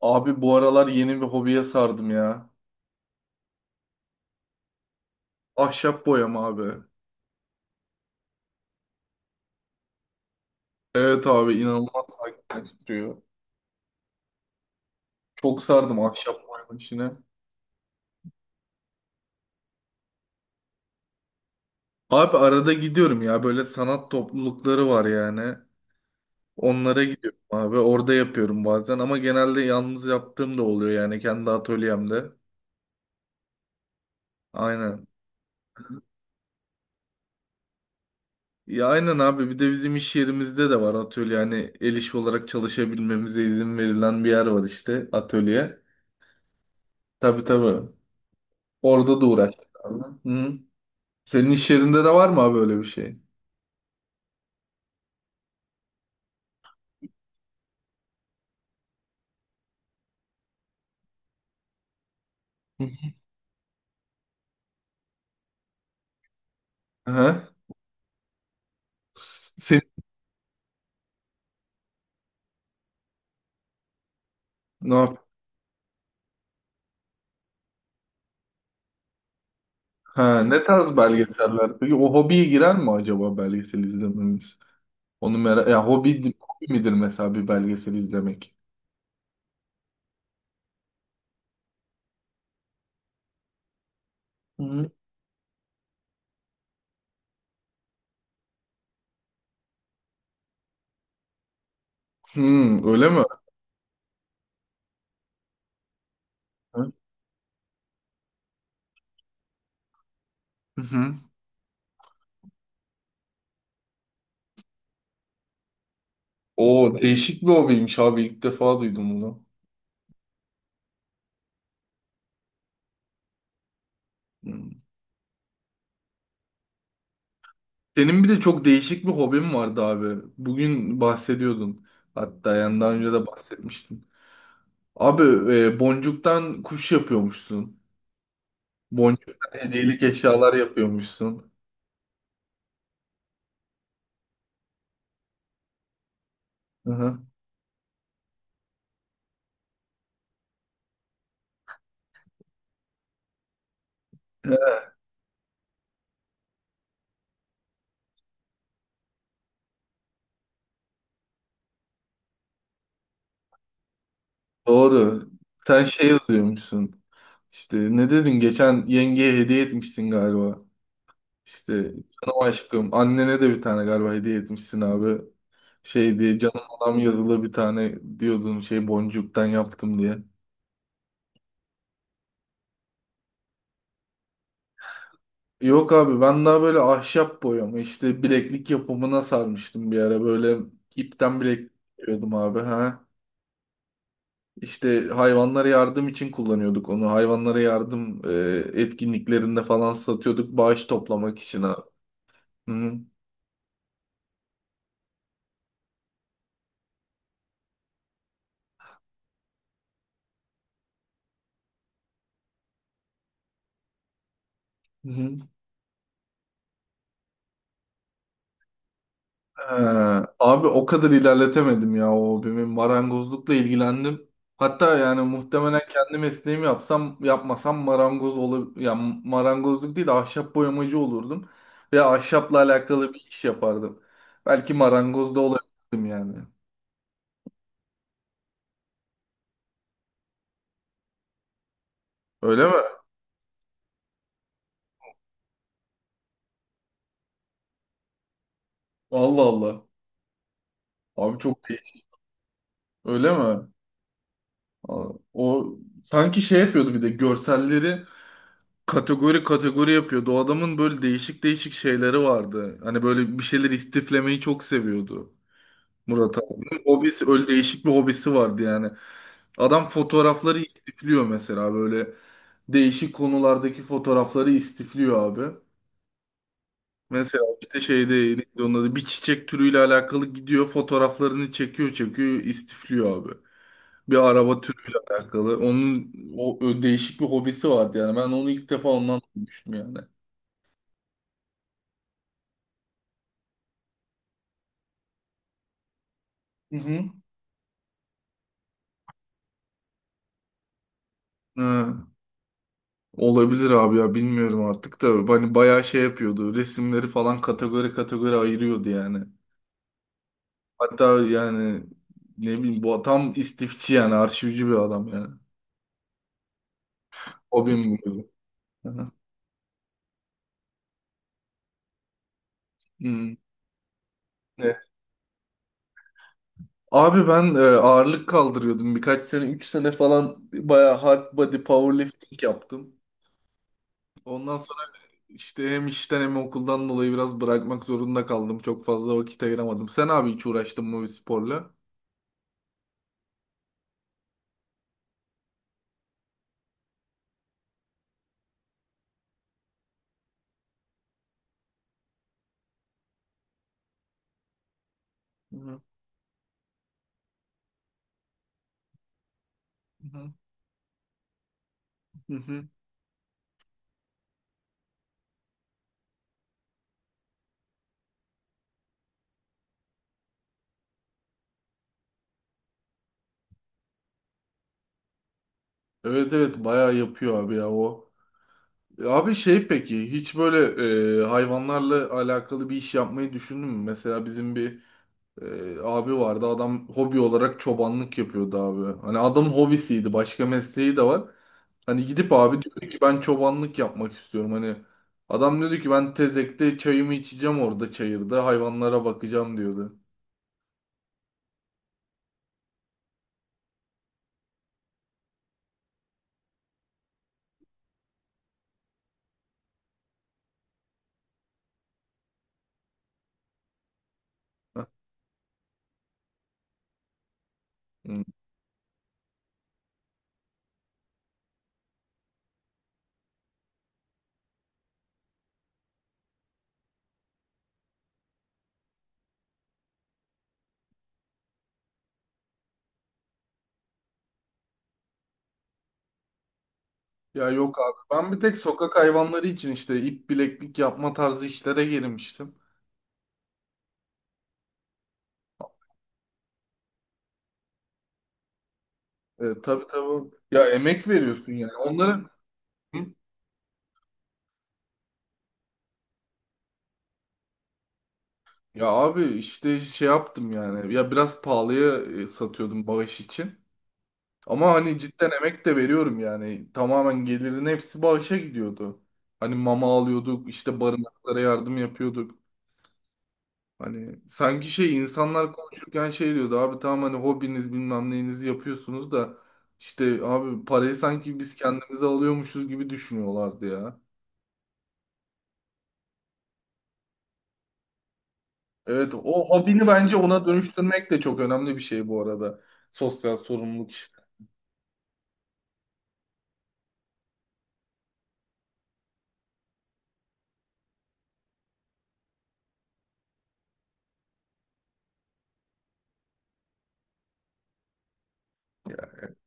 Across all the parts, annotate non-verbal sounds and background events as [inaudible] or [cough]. Abi bu aralar yeni bir hobiye sardım ya. Ahşap boyama abi. Evet abi inanılmaz sakinleştiriyor. Çok sardım ahşap boyama işine. Abi arada gidiyorum ya böyle sanat toplulukları var yani. Onlara gidiyorum abi. Orada yapıyorum bazen ama genelde yalnız yaptığım da oluyor yani kendi atölyemde. Aynen. Ya aynen abi bir de bizim iş yerimizde de var atölye. Yani el işi olarak çalışabilmemize izin verilen bir yer var işte atölye. Tabii tabii. Orada da uğraştık abi. Hı. Senin iş yerinde de var mı abi öyle bir şey? Hı. Sen ne yap? Ha, ne tarz belgeseller? Peki o hobiye girer mi acaba belgesel izlememiz? Onu merak ya hobi, hobi midir mesela bir belgesel izlemek? Hı. Hmm, öyle mi? Hı hı. O değişik bir hobiymiş abi ilk defa duydum bunu. Hmm. Senin bir de çok değişik bir hobin vardı abi. Bugün bahsediyordun. Hatta yandan önce de bahsetmiştin. Abi boncuktan kuş yapıyormuşsun. Boncuktan hediyelik eşyalar yapıyormuşsun. Hı hı. Doğru. Sen şey yazıyormuşsun. İşte ne dedin? Geçen yengeye hediye etmişsin galiba. İşte canım aşkım. Annene de bir tane galiba hediye etmişsin abi. Şey diye canım adam yazılı bir tane diyordun şey boncuktan yaptım diye. Yok abi ben daha böyle ahşap boyama işte bileklik yapımına sarmıştım bir ara. Böyle ipten bileklik yapıyordum abi. Ha. İşte hayvanlara yardım için kullanıyorduk onu. Hayvanlara yardım etkinliklerinde falan satıyorduk bağış toplamak için abi. Hı hı. Hı hı. Ha, abi o kadar ilerletemedim ya o hobimi. Marangozlukla ilgilendim. Hatta yani muhtemelen kendi mesleğimi yapsam yapmasam marangoz olur ya marangozluk değil de ahşap boyamacı olurdum ve ahşapla alakalı bir iş yapardım. Belki marangoz da olabilirdim yani. Öyle mi? Allah Allah. Abi çok iyi. Öyle mi? O sanki şey yapıyordu bir de görselleri kategori kategori yapıyordu. O adamın böyle değişik değişik şeyleri vardı. Hani böyle bir şeyler istiflemeyi çok seviyordu Murat abi. Hobisi öyle değişik bir hobisi vardı yani. Adam fotoğrafları istifliyor mesela böyle değişik konulardaki fotoğrafları istifliyor abi. Mesela işte şeyde neydi onun adı? Bir çiçek türüyle alakalı gidiyor fotoğraflarını çekiyor çekiyor istifliyor abi. Bir araba türüyle alakalı. Onun o değişik bir hobisi vardı yani. Ben onu ilk defa ondan duymuştum yani. Hı hı. Ha, olabilir abi ya bilmiyorum artık da hani bayağı şey yapıyordu resimleri falan kategori kategori ayırıyordu yani. Hatta yani ne bileyim bu tam istifçi yani arşivci bir adam yani. Hobim bu. Aha. Hmm. Ne? Abi ben ağırlık kaldırıyordum birkaç sene 3 sene falan bayağı hard body powerlifting yaptım. Ondan İşte hem işten hem okuldan dolayı biraz bırakmak zorunda kaldım. Çok fazla vakit ayıramadım. Sen abi hiç uğraştın mı bir sporla? Hı hı. Hı hı. Evet evet bayağı yapıyor abi ya o. Abi şey peki hiç böyle hayvanlarla alakalı bir iş yapmayı düşündün mü? Mesela bizim bir abi vardı. Adam hobi olarak çobanlık yapıyordu abi. Hani adamın hobisiydi. Başka mesleği de var. Hani gidip abi diyordu ki ben çobanlık yapmak istiyorum. Hani adam diyordu ki ben tezekte çayımı içeceğim orada çayırda hayvanlara bakacağım diyordu. Heh. Hı. Ya yok abi. Ben bir tek sokak hayvanları için işte ip bileklik yapma tarzı işlere girmiştim. Tabii tabii. Ya emek veriyorsun yani. Onları Hı? Ya abi işte şey yaptım yani. Ya biraz pahalıya satıyordum bağış için. Ama hani cidden emek de veriyorum yani. Tamamen gelirin hepsi bağışa gidiyordu. Hani mama alıyorduk, işte barınaklara yardım yapıyorduk. Hani sanki şey insanlar konuşurken şey diyordu abi tamam hani hobiniz bilmem neyinizi yapıyorsunuz da işte abi parayı sanki biz kendimize alıyormuşuz gibi düşünüyorlardı ya. Evet o hobini bence ona dönüştürmek de çok önemli bir şey bu arada. Sosyal sorumluluk işte.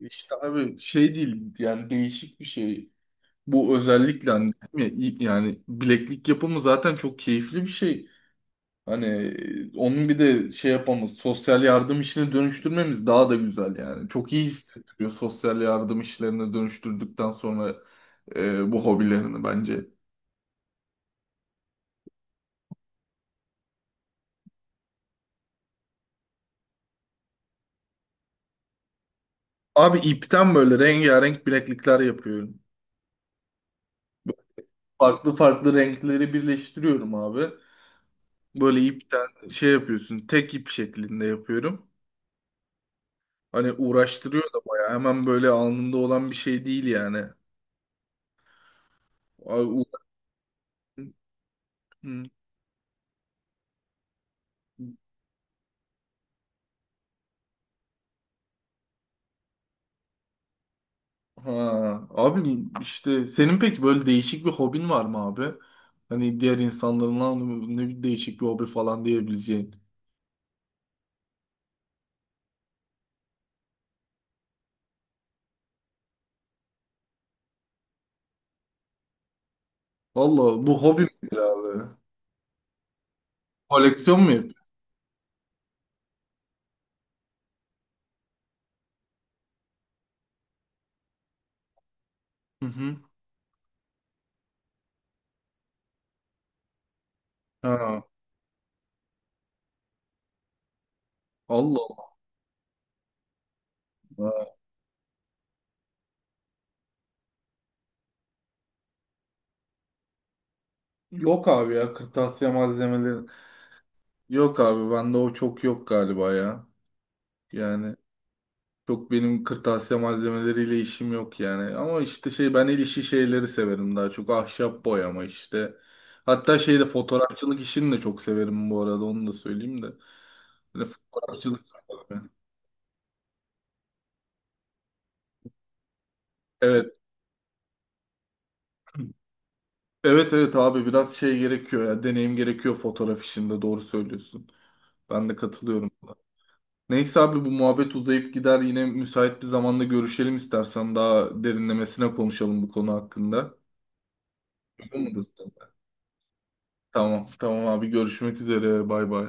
İşte abi şey değil yani değişik bir şey. Bu özellikle hani değil mi? Yani bileklik yapımı zaten çok keyifli bir şey. Hani onun bir de şey yapmamız, sosyal yardım işine dönüştürmemiz daha da güzel yani. Çok iyi hissettiriyor sosyal yardım işlerine dönüştürdükten sonra bu hobilerini bence. Abi ipten böyle rengarenk bileklikler yapıyorum. Böyle farklı farklı renkleri birleştiriyorum abi. Böyle ipten şey yapıyorsun, tek ip şeklinde yapıyorum. Hani uğraştırıyor da bayağı. Hemen böyle alnında olan bir şey değil yani. Abi, u- ha, abi işte senin peki böyle değişik bir hobin var mı abi? Hani diğer insanların "Lan ne bir değişik bir hobi falan diyebileceğin. Allah bu hobi midir abi? Koleksiyon mu yapıyorsun? Hı hı. Ha, Allah Allah. Yok abi ya kırtasiye malzemeleri. Yok abi bende o çok yok galiba ya. Yani çok benim kırtasiye malzemeleriyle işim yok yani. Ama işte şey ben el işi şeyleri severim daha çok. Ahşap boyama işte. Hatta şeyde fotoğrafçılık işini de çok severim bu arada onu da söyleyeyim de. Böyle fotoğrafçılık. [laughs] Evet. Evet evet abi biraz şey gerekiyor ya. Deneyim gerekiyor fotoğraf işinde doğru söylüyorsun. Ben de katılıyorum buna. Neyse abi bu muhabbet uzayıp gider. Yine müsait bir zamanda görüşelim istersen. Daha derinlemesine konuşalım bu konu hakkında. Uygun mudur? Tamam tamam abi görüşmek üzere bay bay.